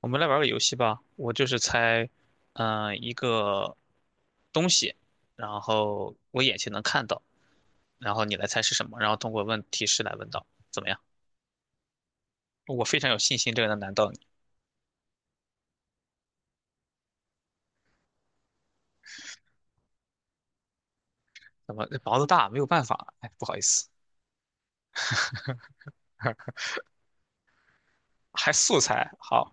我们来玩个游戏吧，我就是猜，一个东西，然后我眼前能看到，然后你来猜是什么，然后通过问提示来问到，怎么样？我非常有信心这个能难到你。怎么毛子大，没有办法，哎，不好意思，还素材，好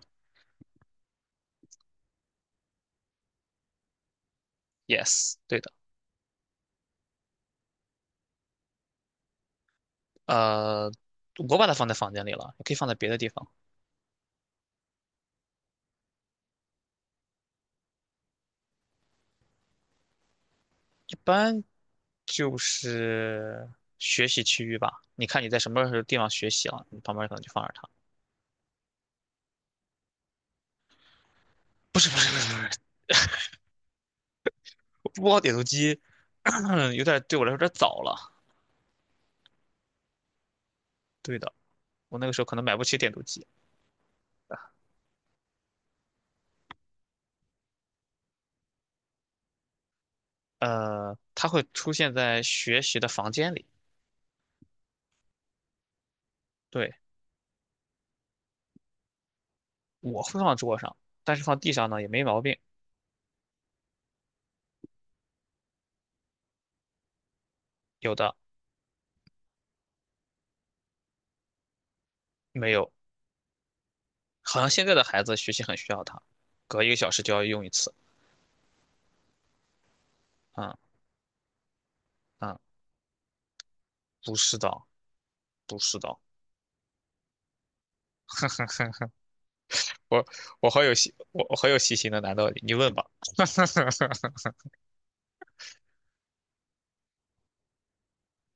，yes，对的，呃，我把它放在房间里了，也可以放在别的地方，一般就是学习区域吧。你看你在什么地方学习了，你旁边可能就放着它。不是，不包点读机，有点对我来说有点早了。对的，我那个时候可能买不起点读机。它会出现在学习的房间里，对，我会放桌上，但是放地上呢也没毛病，有的没有。好像现在的孩子学习很需要它，隔一个小时就要用一次。嗯嗯，不是的，不是的，我我好有细，我好有细心的，难道你问吧？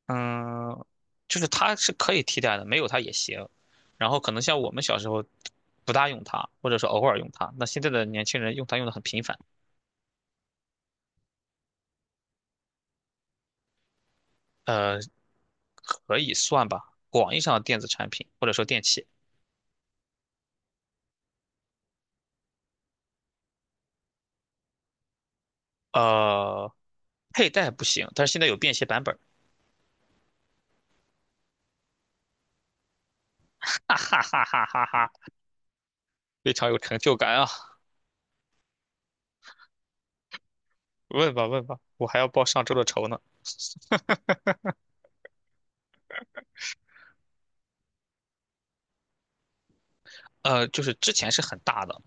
嗯，就是它是可以替代的，没有它也行。然后可能像我们小时候不大用它，或者说偶尔用它，那现在的年轻人用它用的很频繁，呃，可以算吧，广义上的电子产品或者说电器。呃，佩戴不行，但是现在有便携版本儿，哈哈哈哈哈哈，非常有成就感啊！问吧问吧，我还要报上周的仇呢。就是之前是很大的，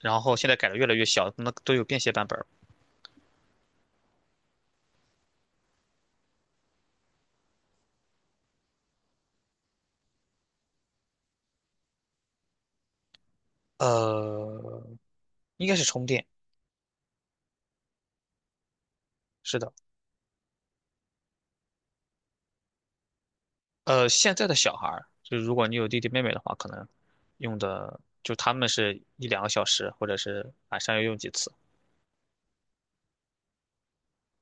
然后现在改的越来越小，那都有便携版本儿。呃，应该是充电，是的。现在的小孩儿，就如果你有弟弟妹妹的话，可能用的就他们是一两个小时，或者是晚上要用几次。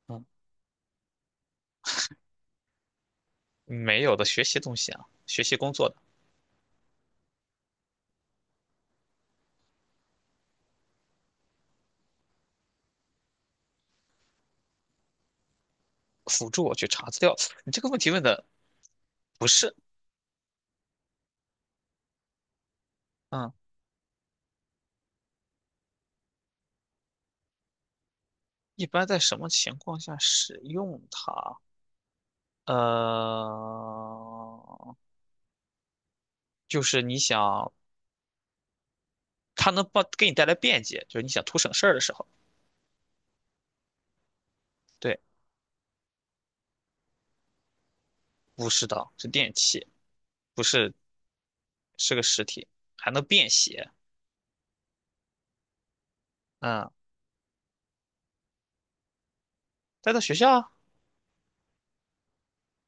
嗯，没有的学习东西啊，学习工作的辅助我去查资料。你这个问题问的不是，嗯，一般在什么情况下使用它？呃，就是你想它能帮给你带来便捷，就是你想图省事儿的时候。对，不是的，是电器，不是是个实体，还能便携。嗯。带到学校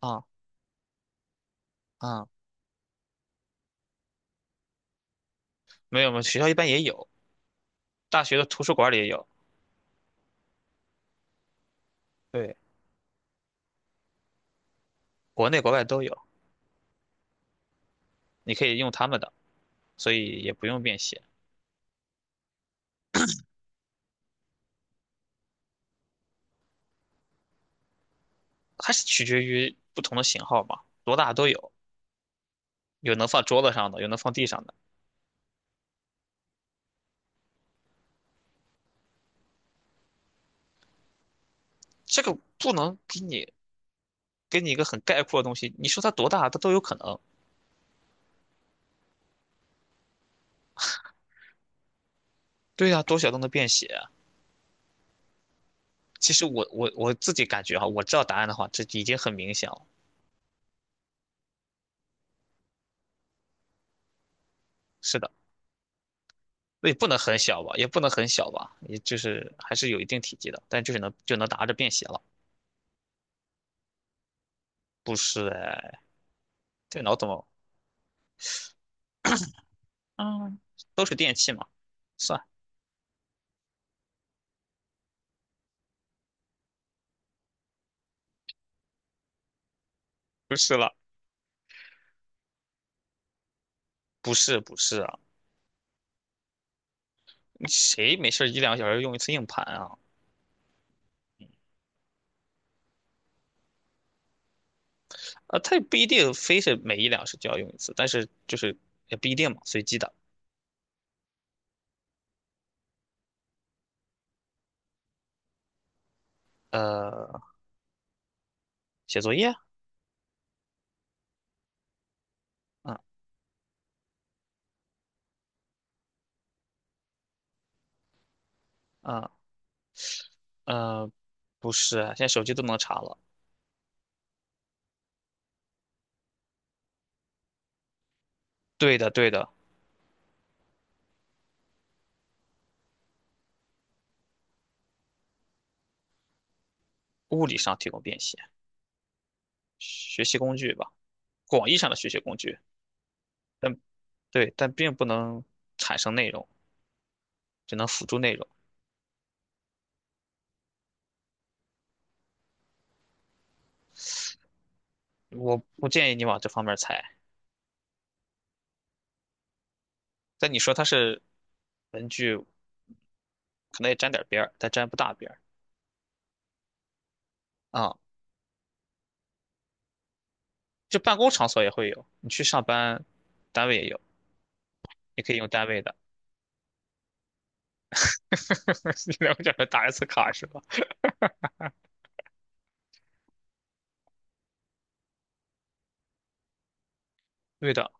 啊啊，没有吗？学校一般也有，大学的图书馆里也有，对，国内国外都有，你可以用他们的，所以也不用便携，还是取决于不同的型号嘛，多大都有，有能放桌子上的，有能放地上的，这个不能给你一个很概括的东西，你说它多大，它都有可能。对呀、多小都能便携。其实我自己感觉哈，我知道答案的话，这已经很明显了。是的，也不能很小吧，也不能很小吧，也就是还是有一定体积的，但就是能就能拿着便携了。不是哎，电脑怎么？嗯，都是电器嘛，算不是了，不是不是啊，你谁没事儿一两个小时用一次硬盘啊？啊，它也不一定非是每一两小时就要用一次，但是就是也不一定嘛，随机的。呃，写作业，嗯嗯呃，不是啊，现在手机都能查了。对的对的，物理上提供便携，学习工具吧，广义上的学习工具。但对，但并不能产生内容，只能辅助内容。我不建议你往这方面猜。但你说它是文具，可能也沾点边儿，但沾不大边儿啊。就办公场所也会有，你去上班，单位也有，你可以用单位的。你了解这打 S 卡是吧？对的，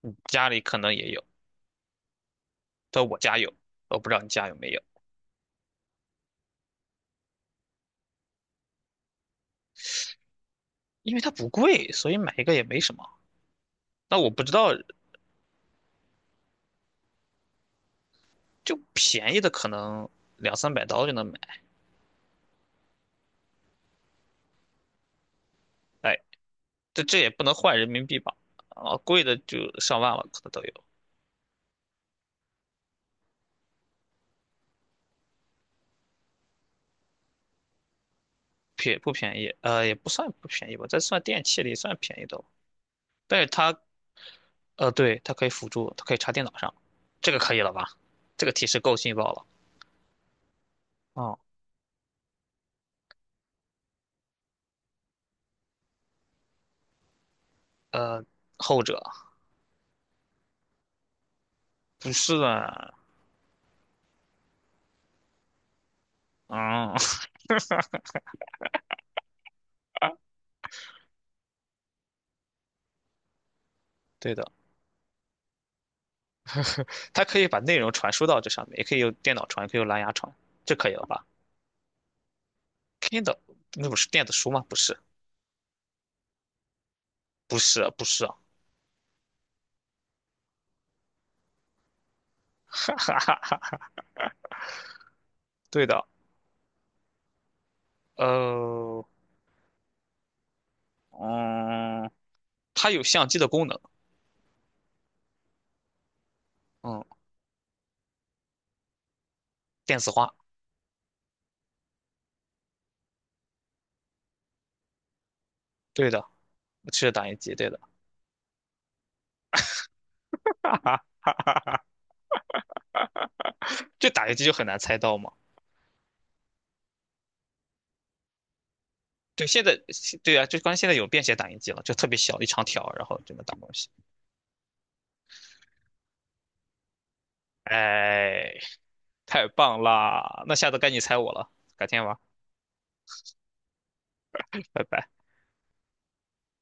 你家里可能也有，但我家有，我不知道你家有没有，因为它不贵，所以买一个也没什么。那我不知道，就便宜的可能两三百刀就能买。哎。这这也不能换人民币吧？啊，贵的就上万了，可能都有，便不便宜？呃，也不算不便宜吧，在算电器里算便宜的了但是它，呃，对，它可以辅助，它可以插电脑上，这个可以了吧？这个提示够劲爆了。哦，呃，后者不是啊，嗯，对的，它可以把内容传输到这上面，也可以用电脑传，也可以用蓝牙传，这可以了吧？Kindle 那不是电子书吗？不是，不是，不是啊，对的，呃，嗯。它有相机的功能，嗯，电子化，对的，是打印机，对的，哈哈哈哈哈，这打印机就很难猜到嘛。对，现在对啊，就关键现在有便携打印机了，就特别小一长条，然后就能打东西。哎，太棒啦！那下次该你猜我了，改天玩，拜拜。